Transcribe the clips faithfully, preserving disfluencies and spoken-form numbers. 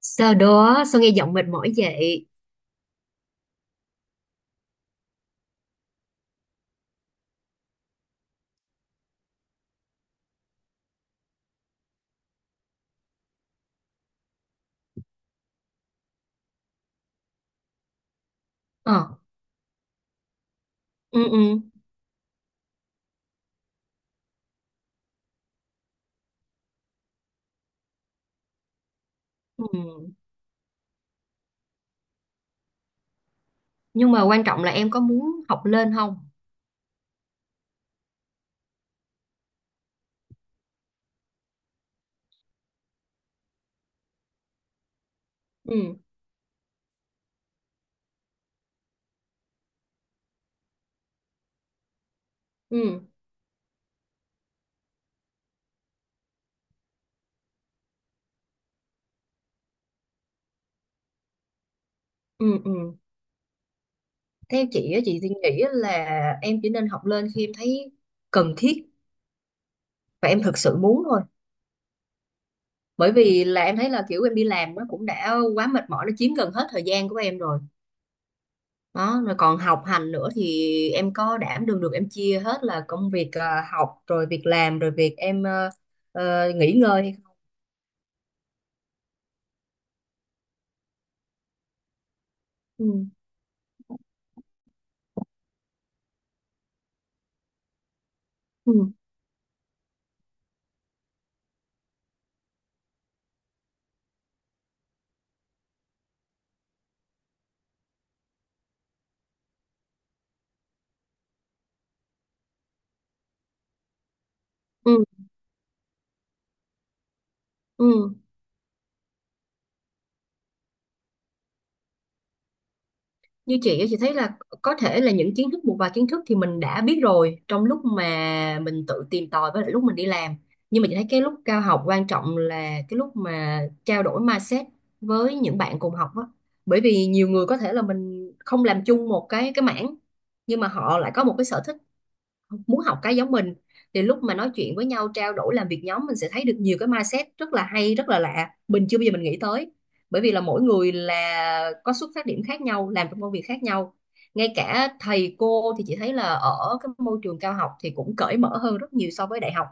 Sau đó sao nghe giọng mệt mỏi vậy? Ờ. Ừ. Ừ. Ừ. Nhưng mà quan trọng là em có muốn học lên không? Ừ. Ừ. Ừ. Ừ. Theo chị á, chị thì nghĩ là em chỉ nên học lên khi em thấy cần thiết, và em thực sự muốn thôi. Bởi vì là em thấy là kiểu em đi làm nó cũng đã quá mệt mỏi, nó chiếm gần hết thời gian của em rồi. Đó, rồi còn học hành nữa thì em có đảm đương được, em chia hết là công việc, ờ, học rồi việc làm rồi việc em, ờ, ờ, nghỉ ngơi hay không? Ừ. Ừ. Ừ. Như chị á, chị thấy là có thể là những kiến thức, một vài kiến thức thì mình đã biết rồi trong lúc mà mình tự tìm tòi với lại lúc mình đi làm. Nhưng mà chị thấy cái lúc cao học quan trọng là cái lúc mà trao đổi mindset với những bạn cùng học á. Bởi vì nhiều người có thể là mình không làm chung một cái cái mảng, nhưng mà họ lại có một cái sở thích muốn học cái giống mình. Thì lúc mà nói chuyện với nhau, trao đổi, làm việc nhóm, mình sẽ thấy được nhiều cái mindset rất là hay, rất là lạ, mình chưa bao giờ mình nghĩ tới. Bởi vì là mỗi người là có xuất phát điểm khác nhau, làm trong công việc khác nhau. Ngay cả thầy cô thì chị thấy là ở cái môi trường cao học thì cũng cởi mở hơn rất nhiều so với đại học.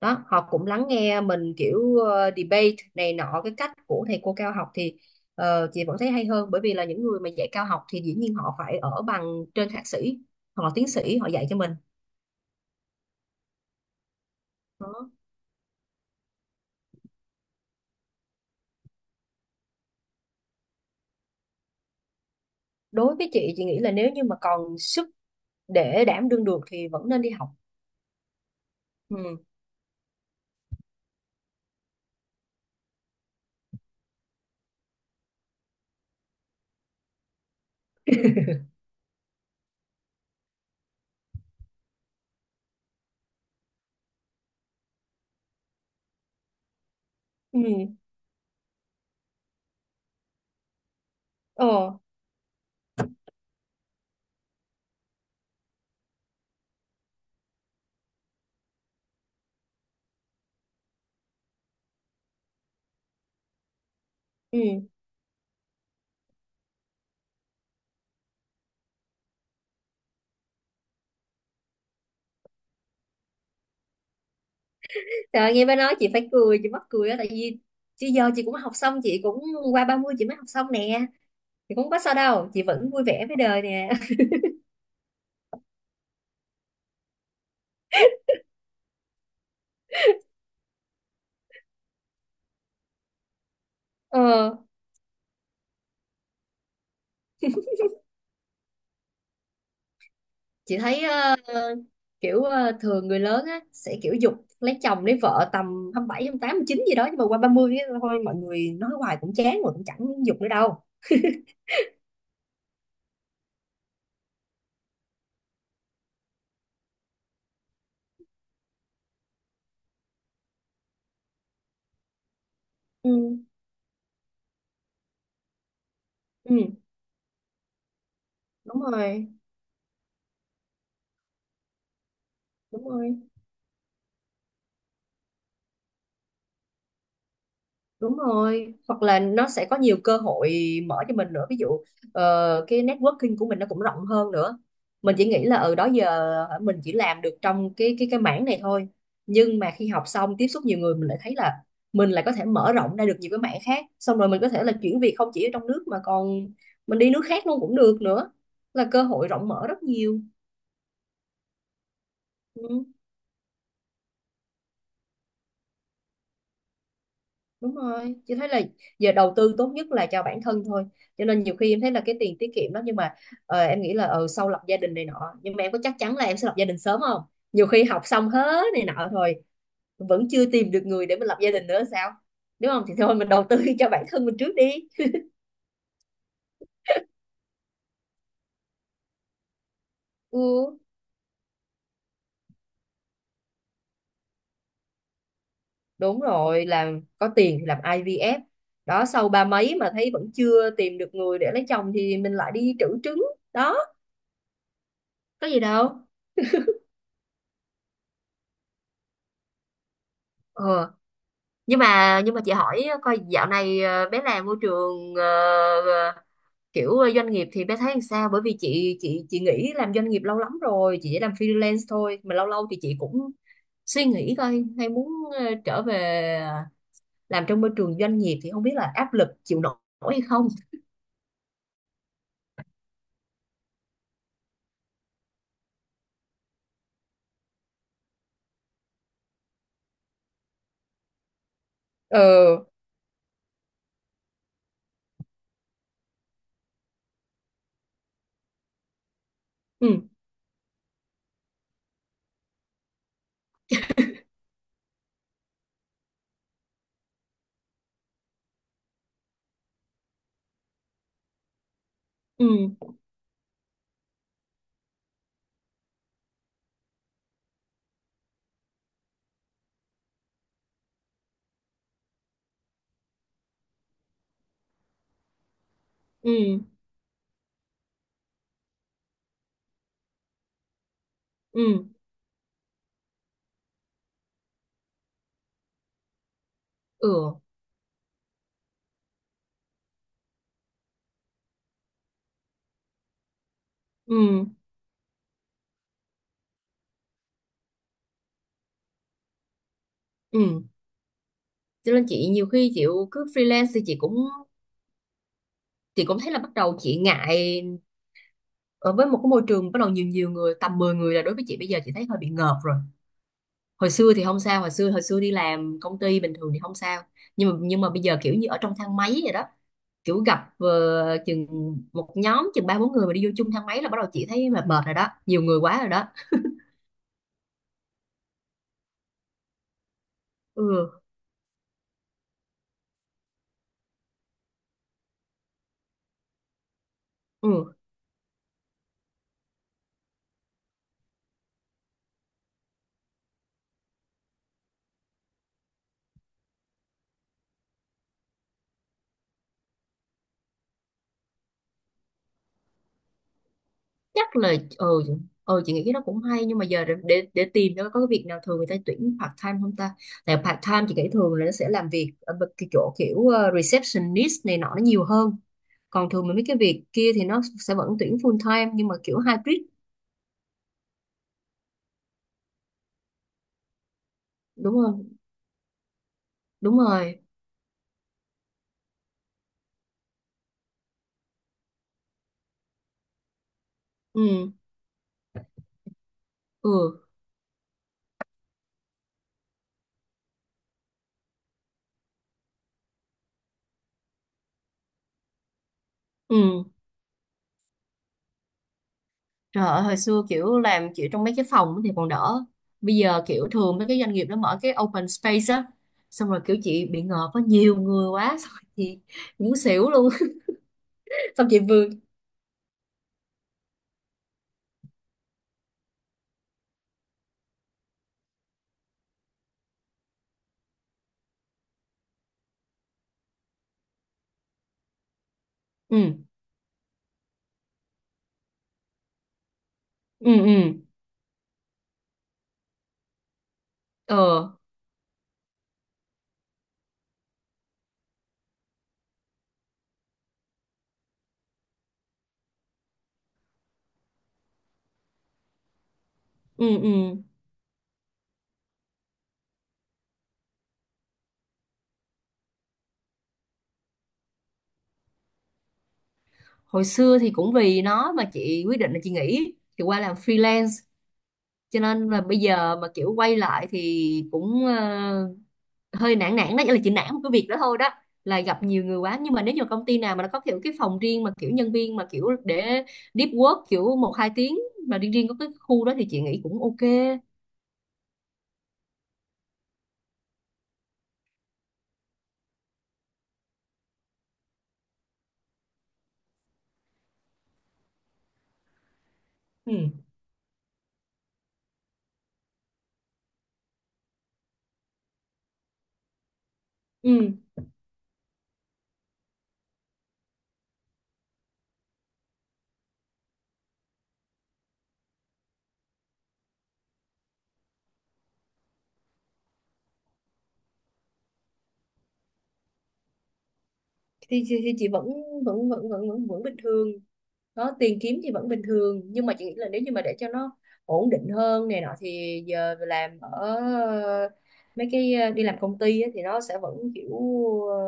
Đó, họ cũng lắng nghe mình kiểu ờ, debate này nọ. Cái cách của thầy cô cao học thì ờ, chị vẫn thấy hay hơn, bởi vì là những người mà dạy cao học thì dĩ nhiên họ phải ở bằng trên thạc sĩ hoặc là tiến sĩ họ dạy cho mình. Đó, đối với chị chị nghĩ là nếu như mà còn sức để đảm đương được thì vẫn nên đi học. Ừ. Ừ. Ờ. Ừ. Trời ơi, nghe bà nói chị phải cười, chị mắc cười á, tại vì chứ giờ chị cũng học xong, chị cũng qua ba mươi chị mới học xong nè, chị cũng có sao đâu, chị vẫn vui vẻ với đời nè. ờ chị thấy ờ, kiểu ờ, thường người lớn á sẽ kiểu giục lấy chồng lấy vợ tầm hai mươi bảy, hai mươi tám, chín gì đó, nhưng mà qua ba mươi á, thôi mọi người nói hoài cũng chán rồi cũng chẳng giục nữa đâu. Ừ. Ừ. Đúng rồi. Đúng rồi. Đúng rồi, hoặc là nó sẽ có nhiều cơ hội mở cho mình nữa. Ví dụ ờ, cái networking của mình nó cũng rộng hơn nữa. Mình chỉ nghĩ là ở đó giờ hả, mình chỉ làm được trong cái cái cái mảng này thôi. Nhưng mà khi học xong tiếp xúc nhiều người mình lại thấy là mình lại có thể mở rộng ra được nhiều cái mảng khác. Xong rồi mình có thể là chuyển việc không chỉ ở trong nước mà còn mình đi nước khác luôn cũng được nữa. Là cơ hội rộng mở rất nhiều. Ừ. Đúng rồi, chị thấy là giờ đầu tư tốt nhất là cho bản thân thôi. Cho nên nhiều khi em thấy là cái tiền tiết kiệm đó, nhưng mà ờ, em nghĩ là ờ, sau lập gia đình này nọ, nhưng mà em có chắc chắn là em sẽ lập gia đình sớm không? Nhiều khi học xong hết này nọ rồi vẫn chưa tìm được người để mình lập gia đình nữa sao? Đúng không? Thì thôi mình đầu tư cho bản thân mình trước đi. Ừ, đúng rồi, làm có tiền thì làm i vê ép. Đó, sau ba mấy mà thấy vẫn chưa tìm được người để lấy chồng thì mình lại đi trữ trứng. Đó, có gì đâu. Ờ, nhưng mà nhưng mà chị hỏi coi dạo này ờ, bé làm môi trường ờ, ờ, kiểu ờ, doanh nghiệp thì bé thấy làm sao, bởi vì chị chị chị nghỉ làm doanh nghiệp lâu lắm rồi, chị chỉ làm freelance thôi, mà lâu lâu thì chị cũng suy nghĩ coi hay muốn ờ, trở về ờ, làm trong môi trường doanh nghiệp thì không biết là áp lực chịu nổi hay không. Ờ. Ừ. Ừ. Ừ. Ừ. Ừ. Ừ. Ừ. Cho nên chị nhiều khi chị cứ freelance thì chị cũng chị cũng thấy là bắt đầu chị ngại ở với một cái môi trường bắt đầu nhiều nhiều người, tầm mười người là đối với chị bây giờ chị thấy hơi bị ngợp rồi. Hồi xưa thì không sao, hồi xưa hồi xưa đi làm công ty bình thường thì không sao. Nhưng mà nhưng mà bây giờ kiểu như ở trong thang máy vậy đó, kiểu gặp ờ, chừng một nhóm chừng ba bốn người mà đi vô chung thang máy là bắt đầu chị thấy mệt mệt rồi đó, nhiều người quá rồi đó. Ừ. Ừ. Chắc là ừ ừ chị nghĩ cái đó cũng hay, nhưng mà giờ để để, để tìm, nó có cái việc nào thường người ta tuyển part time không ta? Tại part time chị nghĩ thường là nó sẽ làm việc ở bên cái chỗ kiểu ờ, receptionist này nọ nó nhiều hơn. Còn thường mà mấy cái việc kia thì nó sẽ vẫn tuyển full time nhưng mà kiểu hybrid. Đúng không? Đúng rồi. Ừ. Ừ. Ừ. Trời ơi, hồi xưa kiểu làm kiểu trong mấy cái phòng thì còn đỡ. Bây giờ kiểu thường mấy cái doanh nghiệp nó mở cái open space á, xong rồi kiểu chị bị ngợp có nhiều người quá, xong rồi chị muốn xỉu luôn. Xong chị Vương. Ừ. Ừ. Ừ. Ờ. Ừ. Ừ. Hồi xưa thì cũng vì nó mà chị quyết định là chị nghỉ chị qua làm freelance, cho nên là bây giờ mà kiểu quay lại thì cũng ờ, hơi nản nản đó. Nghĩa là chị nản một cái việc đó thôi, đó là gặp nhiều người quá. Nhưng mà nếu như công ty nào mà nó có kiểu cái phòng riêng mà kiểu nhân viên mà kiểu để deep work kiểu một hai tiếng mà riêng riêng có cái khu đó thì chị nghĩ cũng ok. Ừ. Ừ. thì, thì, thì chị vẫn vẫn vẫn vẫn vẫn, vẫn bình thường. Đó, tiền kiếm thì vẫn bình thường, nhưng mà chị nghĩ là nếu như mà để cho nó ổn định hơn này nọ thì giờ làm ở mấy cái ờ, đi làm công ty á, thì nó sẽ vẫn kiểu ờ,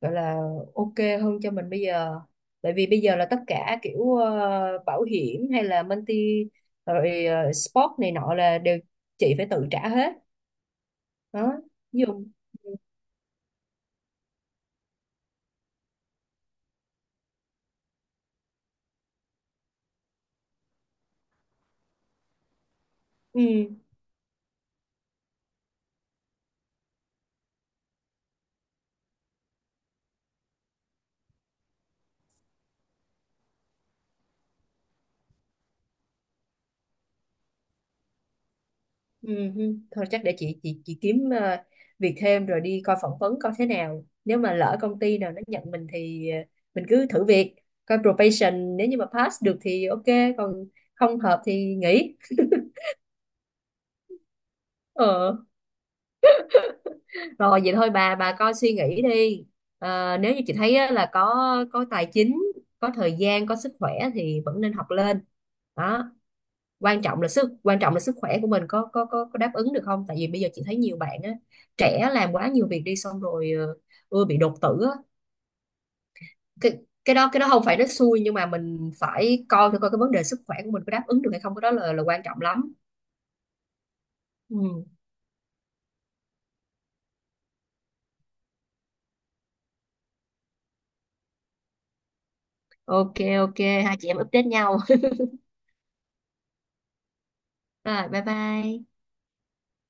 gọi là ok hơn cho mình bây giờ. Bởi vì bây giờ là tất cả kiểu ờ, bảo hiểm hay là multi rồi ờ, sport này nọ là đều chị phải tự trả hết. Đó, ví dụ. Ừ. Ừ, ừ. Thôi chắc để chị chị chị kiếm ờ, việc thêm rồi đi coi phỏng vấn coi thế nào. Nếu mà lỡ công ty nào nó nhận mình thì ờ, mình cứ thử việc, coi probation, nếu như mà pass được thì ok, còn không hợp thì nghỉ. Ờ, rồi vậy thôi, bà bà coi suy nghĩ đi. Ờ, nếu như chị thấy á, là có có tài chính, có thời gian, có sức khỏe thì vẫn nên học lên. Đó. Quan trọng là sức quan trọng là sức khỏe của mình có có có, có đáp ứng được không, tại vì bây giờ chị thấy nhiều bạn á trẻ làm quá nhiều việc đi, xong rồi ờ, ưa bị đột tử á. cái cái đó cái đó không phải nó xui, nhưng mà mình phải coi thử coi cái vấn đề sức khỏe của mình có đáp ứng được hay không, cái đó là là quan trọng lắm. Ừ. Ok. Ok. Hai chị em update nhau. Rồi bye bye.